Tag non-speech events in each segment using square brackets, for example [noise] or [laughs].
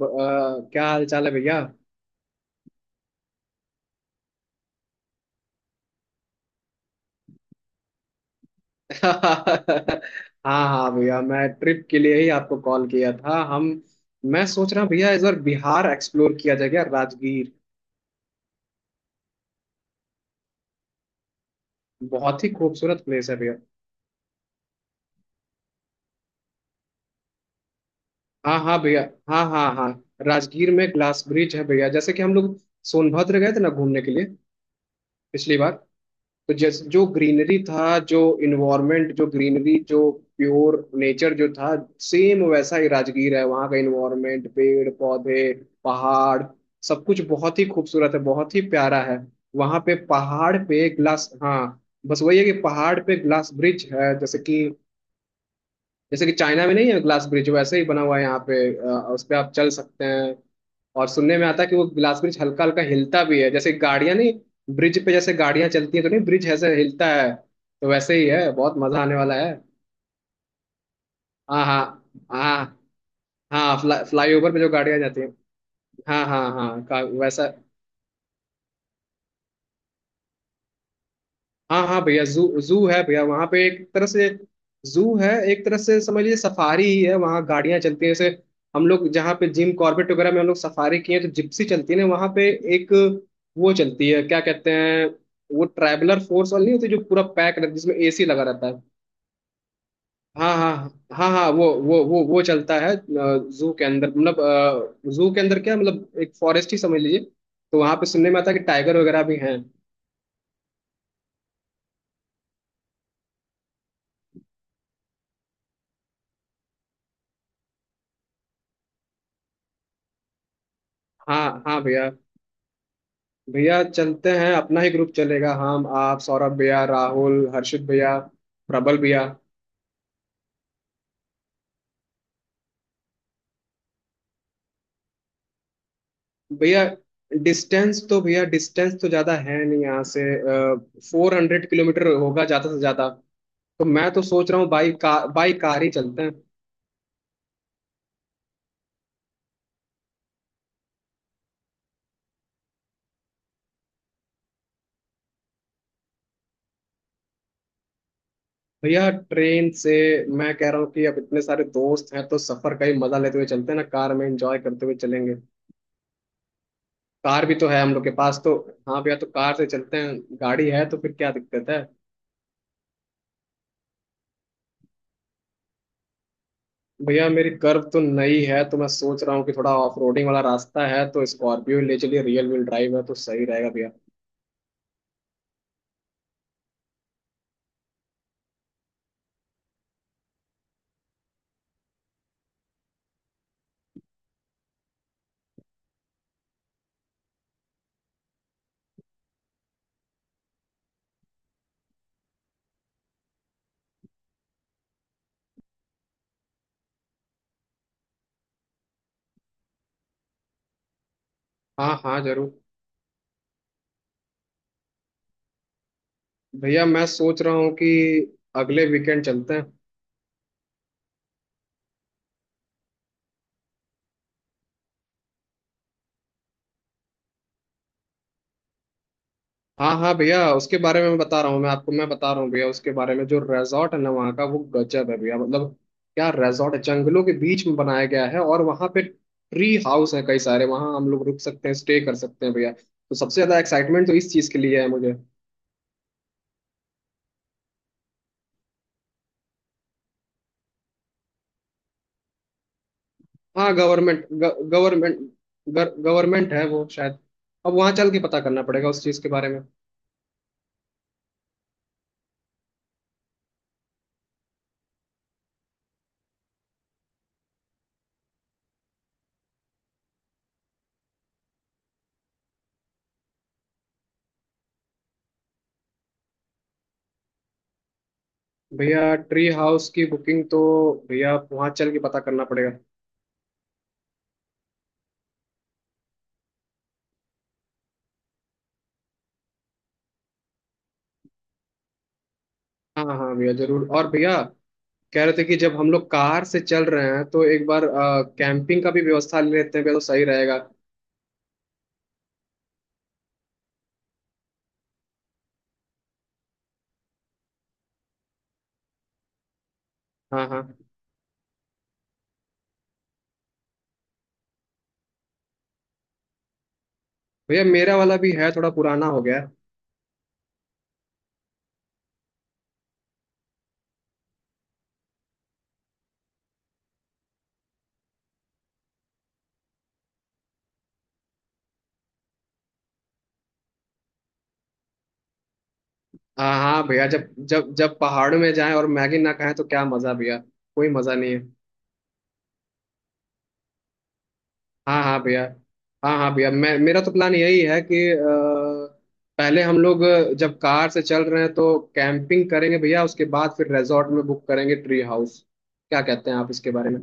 क्या हाल चाल है भैया। [laughs] हाँ हाँ भैया, मैं ट्रिप के लिए ही आपको कॉल किया था। हम मैं सोच रहा हूँ भैया, इस बार बिहार एक्सप्लोर किया जाए क्या। राजगीर बहुत ही खूबसूरत प्लेस है भैया। हाँ हाँ भैया। हाँ हाँ हाँ। राजगीर में ग्लास ब्रिज है भैया, जैसे कि हम लोग सोनभद्र गए थे ना घूमने के लिए पिछली बार। तो जैसे जो ग्रीनरी था, जो इन्वायरमेंट, जो ग्रीनरी जो प्योर नेचर जो था, सेम वैसा ही राजगीर है। वहाँ का इन्वायरमेंट, पेड़ पौधे, पहाड़, सब कुछ बहुत ही खूबसूरत है, बहुत ही प्यारा है। वहाँ पे पहाड़ पे ग्लास, हाँ। बस वही है कि पहाड़ पे ग्लास ब्रिज है, जैसे कि चाइना में नहीं है ग्लास ब्रिज, वैसे ही बना हुआ है यहाँ पे। उस पे आप चल सकते हैं। और सुनने में आता है कि वो ग्लास ब्रिज हल्का हल्का हिलता भी है। जैसे गाड़ियां नहीं, ब्रिज पे जैसे गाड़ियां चलती हैं तो नहीं, ब्रिज ऐसे हिलता है, तो वैसे ही है। बहुत मजा आने वाला है। हाँ हाँ हाँ। हाँ फ्लाई ओवर पे जो गाड़ियां जाती हैं। हाँ हाँ हाँ वैसा। हाँ हाँ भैया, जू जू है भैया वहाँ पे, एक तरह से। जू है, एक तरह से समझ लीजिए सफारी ही है। वहाँ गाड़ियाँ चलती हैं जैसे हम लोग जहाँ पे जिम कॉर्बेट वगैरह में हम लोग सफारी किए हैं, तो जिप्सी चलती है ना वहाँ पे एक, वो चलती है, क्या कहते हैं, वो ट्रैवलर फोर्स वाली। नहीं होती जो पूरा पैक रहती है, जिसमें एसी लगा रहता है। हाँ हाँ हाँ। हाँ वो चलता है। जू के अंदर क्या मतलब, एक फॉरेस्ट ही समझ लीजिए। तो वहाँ पे सुनने में आता है कि टाइगर वगैरह भी हैं। हाँ हाँ भैया। भैया चलते हैं, अपना ही ग्रुप चलेगा। हम, आप, सौरभ भैया, राहुल, हर्षित भैया, प्रबल भैया। भैया भैया डिस्टेंस तो ज़्यादा है नहीं यहाँ से। 400 किलोमीटर होगा ज़्यादा से ज़्यादा। तो मैं तो सोच रहा हूँ बाई कार ही चलते हैं। भैया ट्रेन से मैं कह रहा हूँ कि अब इतने सारे दोस्त हैं, तो सफ़र का ही मज़ा लेते हुए चलते हैं ना, कार में एंजॉय करते हुए चलेंगे। कार भी तो है हम लोग के पास तो। हाँ भैया, तो कार से चलते हैं, गाड़ी है तो फिर क्या दिक्कत है। भैया मेरी कर्व तो नई है, तो मैं सोच रहा हूँ कि थोड़ा ऑफ रोडिंग वाला रास्ता है, तो स्कॉर्पियो ले चलिए, रियल व्हील ड्राइव है तो सही रहेगा भैया। हाँ हाँ जरूर। भैया मैं सोच रहा हूँ कि अगले वीकेंड चलते हैं। हाँ हाँ भैया, उसके बारे में मैं बता रहा हूँ। मैं आपको मैं बता रहा हूँ भैया उसके बारे में। जो रिजॉर्ट है ना वहाँ का, वो गजब है भैया। मतलब क्या रिजॉर्ट, जंगलों के बीच में बनाया गया है, और वहाँ पे ट्री हाउस है कई सारे, वहाँ हम लोग रुक सकते हैं, स्टे कर सकते हैं भैया। तो सबसे ज्यादा एक्साइटमेंट तो इस चीज के लिए है मुझे। हाँ गवर्नमेंट, गवर्नमेंट गवर्नमेंट है वो शायद। अब वहाँ चल के पता करना पड़ेगा उस चीज़ के बारे में। भैया ट्री हाउस की बुकिंग तो भैया वहाँ चल के पता करना पड़ेगा। हाँ हाँ भैया जरूर। और भैया कह रहे थे कि जब हम लोग कार से चल रहे हैं, तो एक बार कैंपिंग का भी व्यवस्था ले लेते हैं भैया, तो सही रहेगा। हाँ हाँ भैया, मेरा वाला भी है थोड़ा पुराना हो गया है। हाँ हाँ भैया, जब जब जब पहाड़ में जाएं और मैगी ना खाएं तो क्या मज़ा भैया, कोई मज़ा नहीं है। हाँ हाँ भैया। हाँ हाँ भैया, मैं मेरा तो प्लान यही है कि पहले हम लोग, जब कार से चल रहे हैं तो कैंपिंग करेंगे भैया, उसके बाद फिर रिजॉर्ट में बुक करेंगे ट्री हाउस। क्या कहते हैं आप इसके बारे में।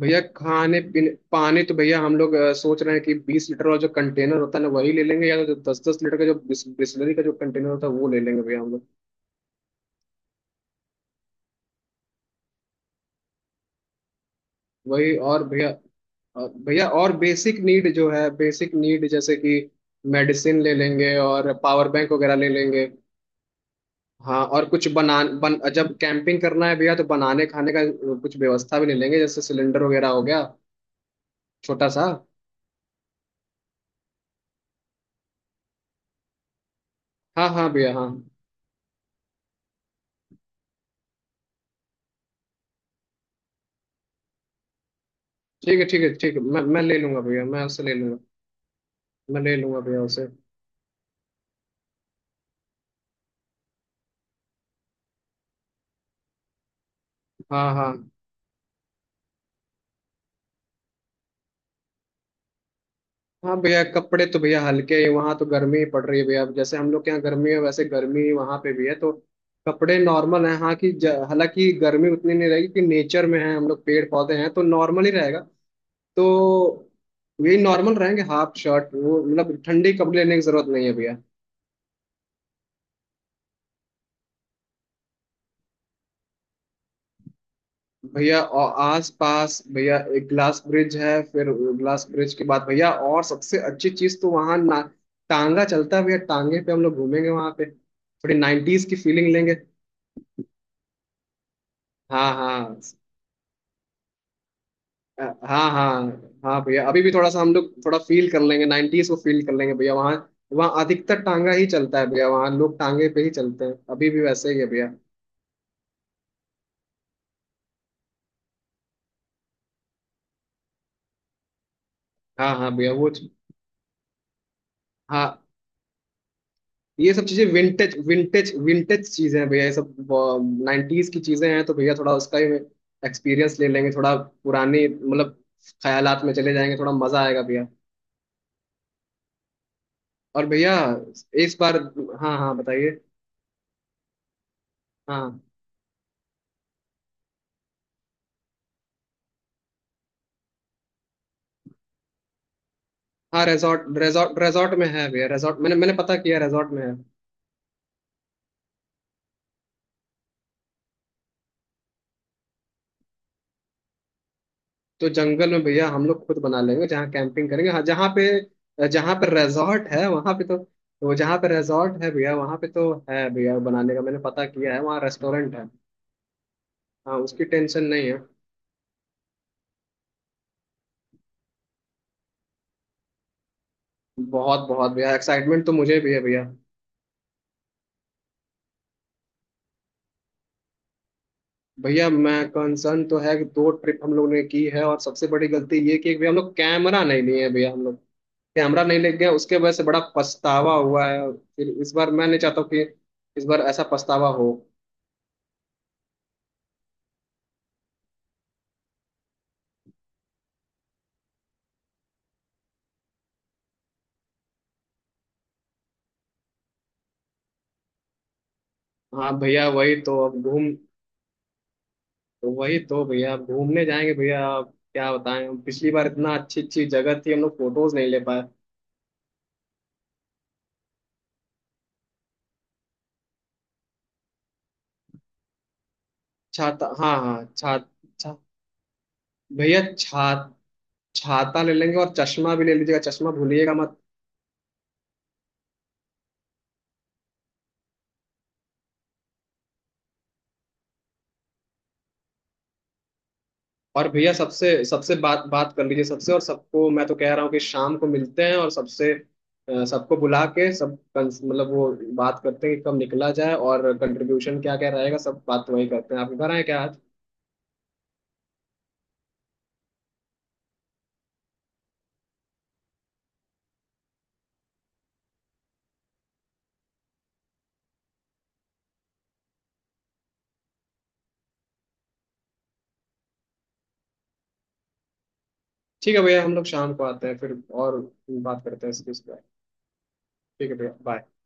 भैया खाने पीने पानी तो भैया हम लोग सोच रहे हैं कि 20 लीटर वाला जो कंटेनर होता है ना वही ले लेंगे, या तो 10 10 लीटर का जो बिस्लरी का जो कंटेनर होता है वो ले लेंगे भैया हम लोग। वही और भैया, भैया और बेसिक नीड जो है, बेसिक नीड जैसे कि मेडिसिन ले लेंगे और पावर बैंक वगैरह ले लेंगे। हाँ और कुछ बना बन जब कैंपिंग करना है भैया तो बनाने खाने का कुछ व्यवस्था भी ले लेंगे, जैसे सिलेंडर वगैरह हो गया, छोटा सा। हाँ हाँ भैया। हाँ ठीक है ठीक है ठीक है, मैं ले लूंगा भैया, मैं उसे ले लूंगा। मैं ले लूंगा भैया उसे। हाँ हाँ हाँ भैया, कपड़े तो भैया हल्के ही, वहाँ तो गर्मी ही पड़ रही है भैया। अब जैसे हम लोग के यहाँ गर्मी है, वैसे गर्मी वहाँ पे भी है। तो कपड़े नॉर्मल हैं, हाँ कि हालांकि गर्मी उतनी नहीं रहेगी कि, नेचर में है हम लोग, पेड़ पौधे हैं तो नॉर्मल ही रहेगा। तो ये नॉर्मल रहेंगे, हाफ शर्ट वो, मतलब ठंडे कपड़े लेने की जरूरत नहीं है भैया। भैया और आस पास भैया एक ग्लास ब्रिज है, फिर ग्लास ब्रिज के बाद भैया, और सबसे अच्छी चीज तो वहाँ ना टांगा चलता है भैया। टांगे पे हम लोग घूमेंगे वहाँ पे, थोड़ी नाइन्टीज की फीलिंग लेंगे। हाँ हाँ। अ, हाँ हाँ हाँ भैया, अभी भी थोड़ा सा हम लोग थोड़ा फील कर लेंगे, नाइन्टीज को फील कर लेंगे भैया वहाँ। वहाँ अधिकतर टांगा ही चलता है भैया, वहाँ लोग टांगे पे ही चलते हैं अभी भी, वैसे ही है भैया। हाँ हाँ भैया, वो हाँ, ये सब चीजें विंटेज, विंटेज चीजें हैं भैया ये सब, नाइन्टीज की चीजें हैं, तो भैया थोड़ा उसका ही एक्सपीरियंस ले लेंगे, थोड़ा पुराने मतलब ख्यालात में चले जाएंगे, थोड़ा मजा आएगा भैया। और भैया इस बार, हाँ हाँ बताइए। हाँ हाँ रिजॉर्ट, रिजॉर्ट में है भैया, रिजॉर्ट मैंने मैंने पता किया, रिजॉर्ट में है। तो जंगल में भैया हम लोग खुद बना लेंगे जहाँ कैंपिंग करेंगे। हाँ जहाँ पे, जहाँ पे रिजॉर्ट है वहाँ पे तो, वो जहाँ पे रिजॉर्ट है भैया वहाँ पे तो है भैया बनाने का, मैंने पता किया है वहाँ रेस्टोरेंट है। हाँ उसकी टेंशन नहीं है। बहुत बहुत भैया एक्साइटमेंट तो मुझे भी है भैया। भैया मैं कंसर्न तो है कि दो ट्रिप हम लोग ने की है, और सबसे बड़ी गलती ये की भैया हम लोग कैमरा नहीं लिए हैं भैया, हम लोग कैमरा नहीं ले गए, उसके वजह से बड़ा पछतावा हुआ है। और फिर इस बार मैं नहीं चाहता हूँ कि इस बार ऐसा पछतावा हो। हाँ भैया, वही तो भैया अब घूमने जाएंगे भैया, अब क्या बताएं हम, पिछली बार इतना अच्छी अच्छी जगह थी, हम लोग फोटोज नहीं ले पाए। छाता हाँ हाँ छा छा भैया छाता, छाता ले लेंगे। और चश्मा भी ले लीजिएगा, चश्मा भूलिएगा मत। और भैया सबसे सबसे बात बात कर लीजिए सबसे, और सबको, मैं तो कह रहा हूँ कि शाम को मिलते हैं, और सबसे सबको बुला के सब मतलब वो बात करते हैं कि कब निकला जाए, और कंट्रीब्यूशन क्या क्या रहेगा। सब बात तो वही करते हैं, आपके घर आए क्या आज। ठीक है भैया, हम लोग शाम को आते हैं फिर और बात करते हैं इसके इस पर। ठीक है भैया, बाय।